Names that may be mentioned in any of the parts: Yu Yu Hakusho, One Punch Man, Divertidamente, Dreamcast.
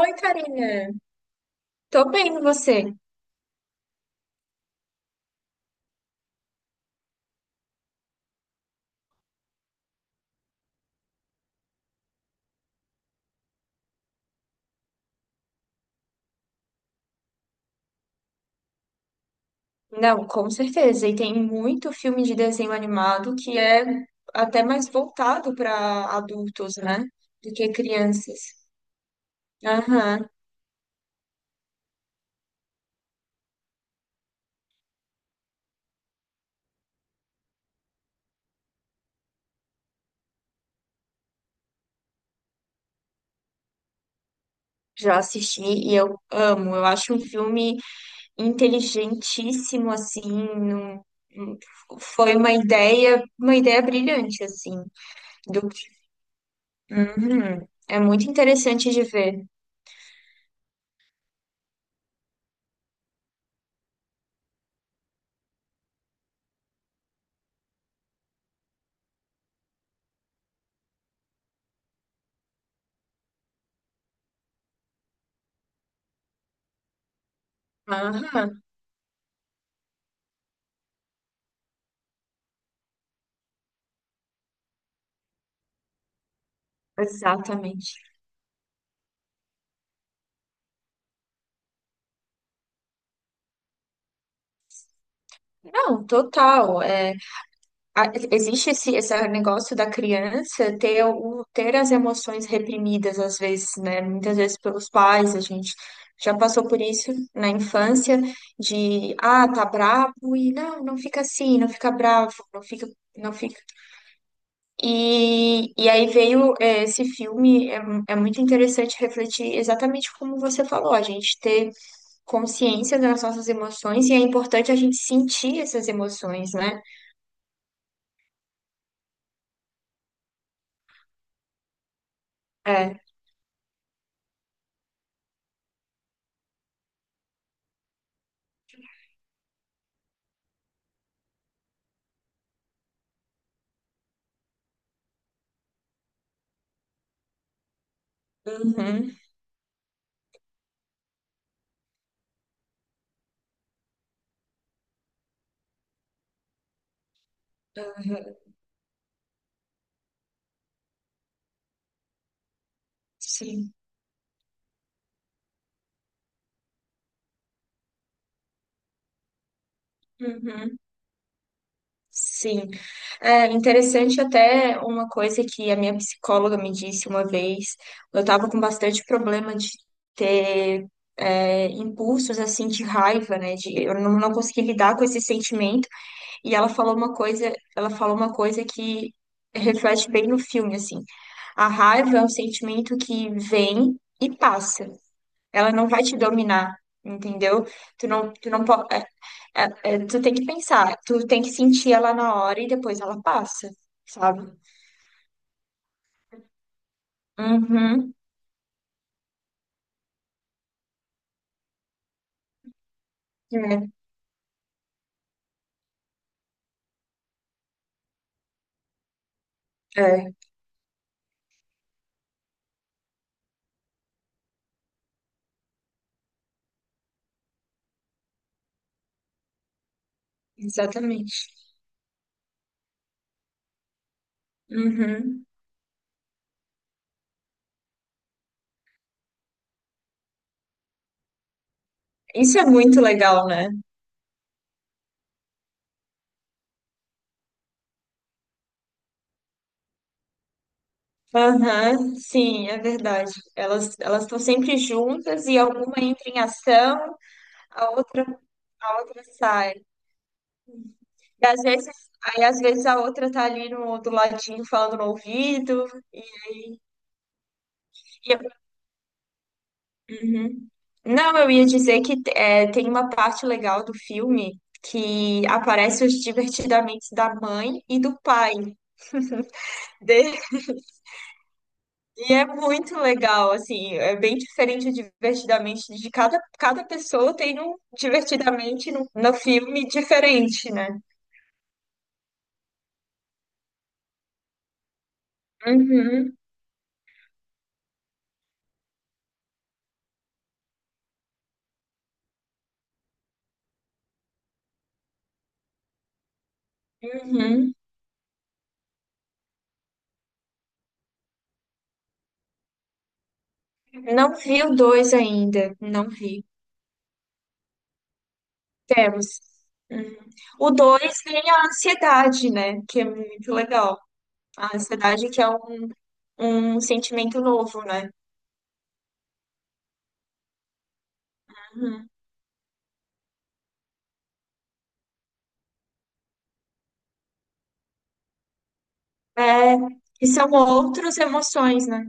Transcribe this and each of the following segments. Oi, Karina. Tô bem, e você? Não, com certeza. E tem muito filme de desenho animado que é até mais voltado para adultos, né? Do que crianças. Aham. Já assisti e eu amo. Eu acho um filme inteligentíssimo, assim. Num- Foi uma ideia brilhante, assim. Do... Uhum. É muito interessante de ver. Aham, exatamente. Não, total. A- Existe esse negócio da criança ter, o, ter as emoções reprimidas, às vezes, né? Muitas vezes pelos pais, a gente já passou por isso na infância, de, ah, tá bravo, e não, não fica assim, não fica bravo, não fica, não fica. E, e aí veio, esse filme, é muito interessante refletir exatamente como você falou, a gente ter consciência das nossas emoções, e é importante a gente sentir essas emoções, né? É. Uhum. Sim, uhum, sim. É interessante até uma coisa que a minha psicóloga me disse uma vez. Eu estava com bastante problema de ter impulsos assim de raiva, né? De, eu não, não consegui lidar com esse sentimento. E ela falou uma coisa, ela falou uma coisa que reflete bem no filme, assim. A raiva é um sentimento que vem e passa. Ela não vai te dominar, entendeu? Tu não pode. É, tu tem que pensar, tu tem que sentir ela na hora e depois ela passa, sabe? Uhum. É, é, exatamente. Uhum. Isso é muito legal, né? Aham, sim, é verdade. Elas estão sempre juntas e alguma entra em ação, a outra a outra sai. E às vezes, aí às vezes a outra tá ali no do ladinho falando no ouvido e, e- uhum. Não, eu ia dizer que é, tem uma parte legal do filme que aparece os divertidamente da mãe e do pai dele. E é muito legal, assim, é bem diferente o divertidamente de cada, cada pessoa tem um divertidamente no filme diferente, né? Uhum, uhum. Não vi o dois ainda, não vi. Temos. Uhum. O dois tem a ansiedade, né? Que é muito legal. A ansiedade que é um sentimento novo, né? Uhum. É, e são outras emoções, né?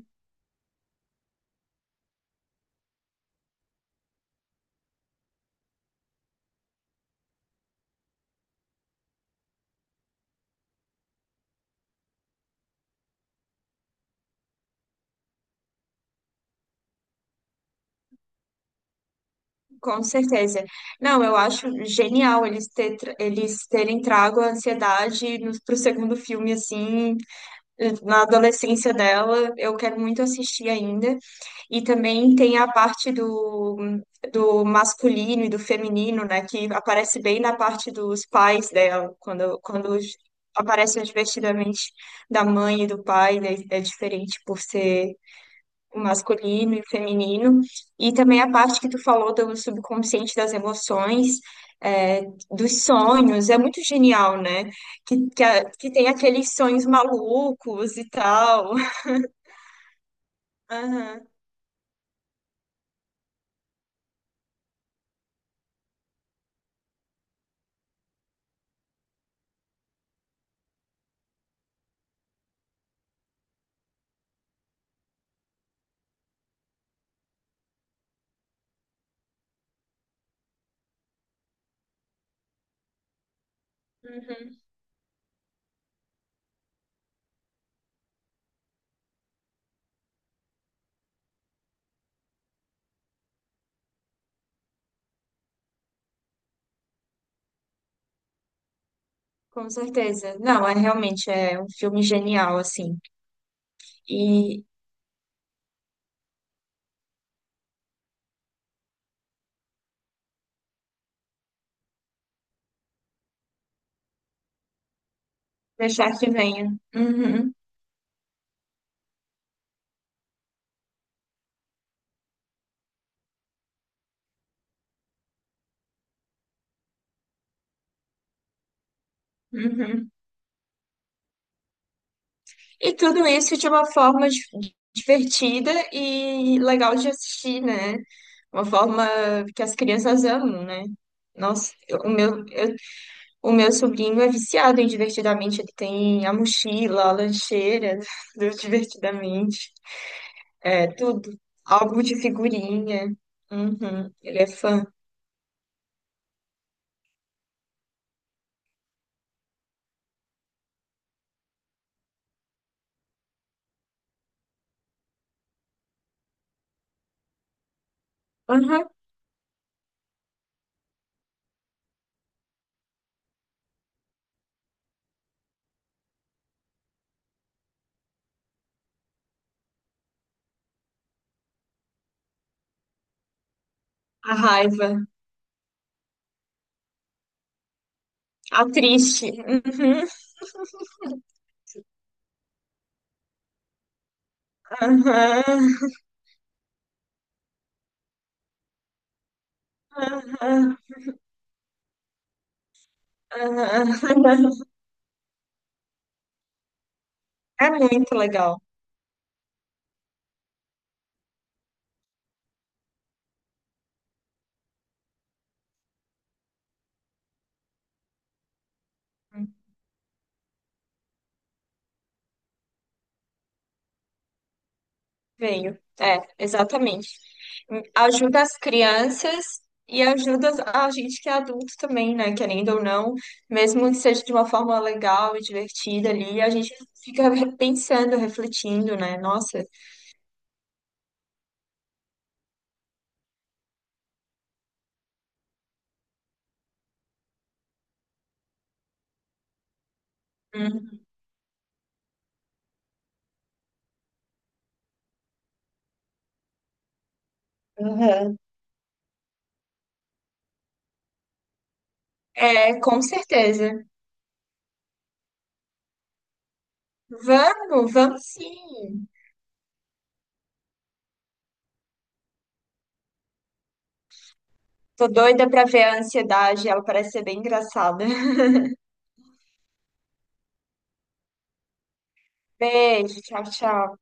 Com certeza. Não, eu acho genial eles terem trago a ansiedade pro segundo filme, assim, na adolescência dela, eu quero muito assistir ainda. E também tem a parte do masculino e do feminino, né, que aparece bem na parte dos pais dela, quando aparece o divertidamente da mãe e do pai, né, é diferente por ser o masculino e o feminino, e também a parte que tu falou do subconsciente das emoções, é, dos sonhos, é muito genial, né? Que tem aqueles sonhos malucos e tal. Aham, uhum, com certeza. Não, realmente é um filme genial, assim. E deixar que venha. Uhum, uhum. E tudo isso de uma forma divertida e legal de assistir, né? Uma forma que as crianças amam, né? Nossa, o meu sobrinho é viciado em Divertidamente. Ele tem a mochila, a lancheira do Divertidamente. É, tudo. Álbum de figurinha. Uhum, ele é fã. Uhum. A raiva. A triste. Uhum, uhum, uhum, uhum. É muito legal. Venho. É, exatamente. Ajuda as crianças e ajuda a gente que é adulto também, né? Querendo ou não, mesmo que seja de uma forma legal e divertida ali, a gente fica pensando, refletindo, né? Nossa. Hum, aham. É, com certeza. Vamos, vamos sim. Tô doida pra ver a ansiedade, ela parece ser bem engraçada. Beijo, tchau, tchau.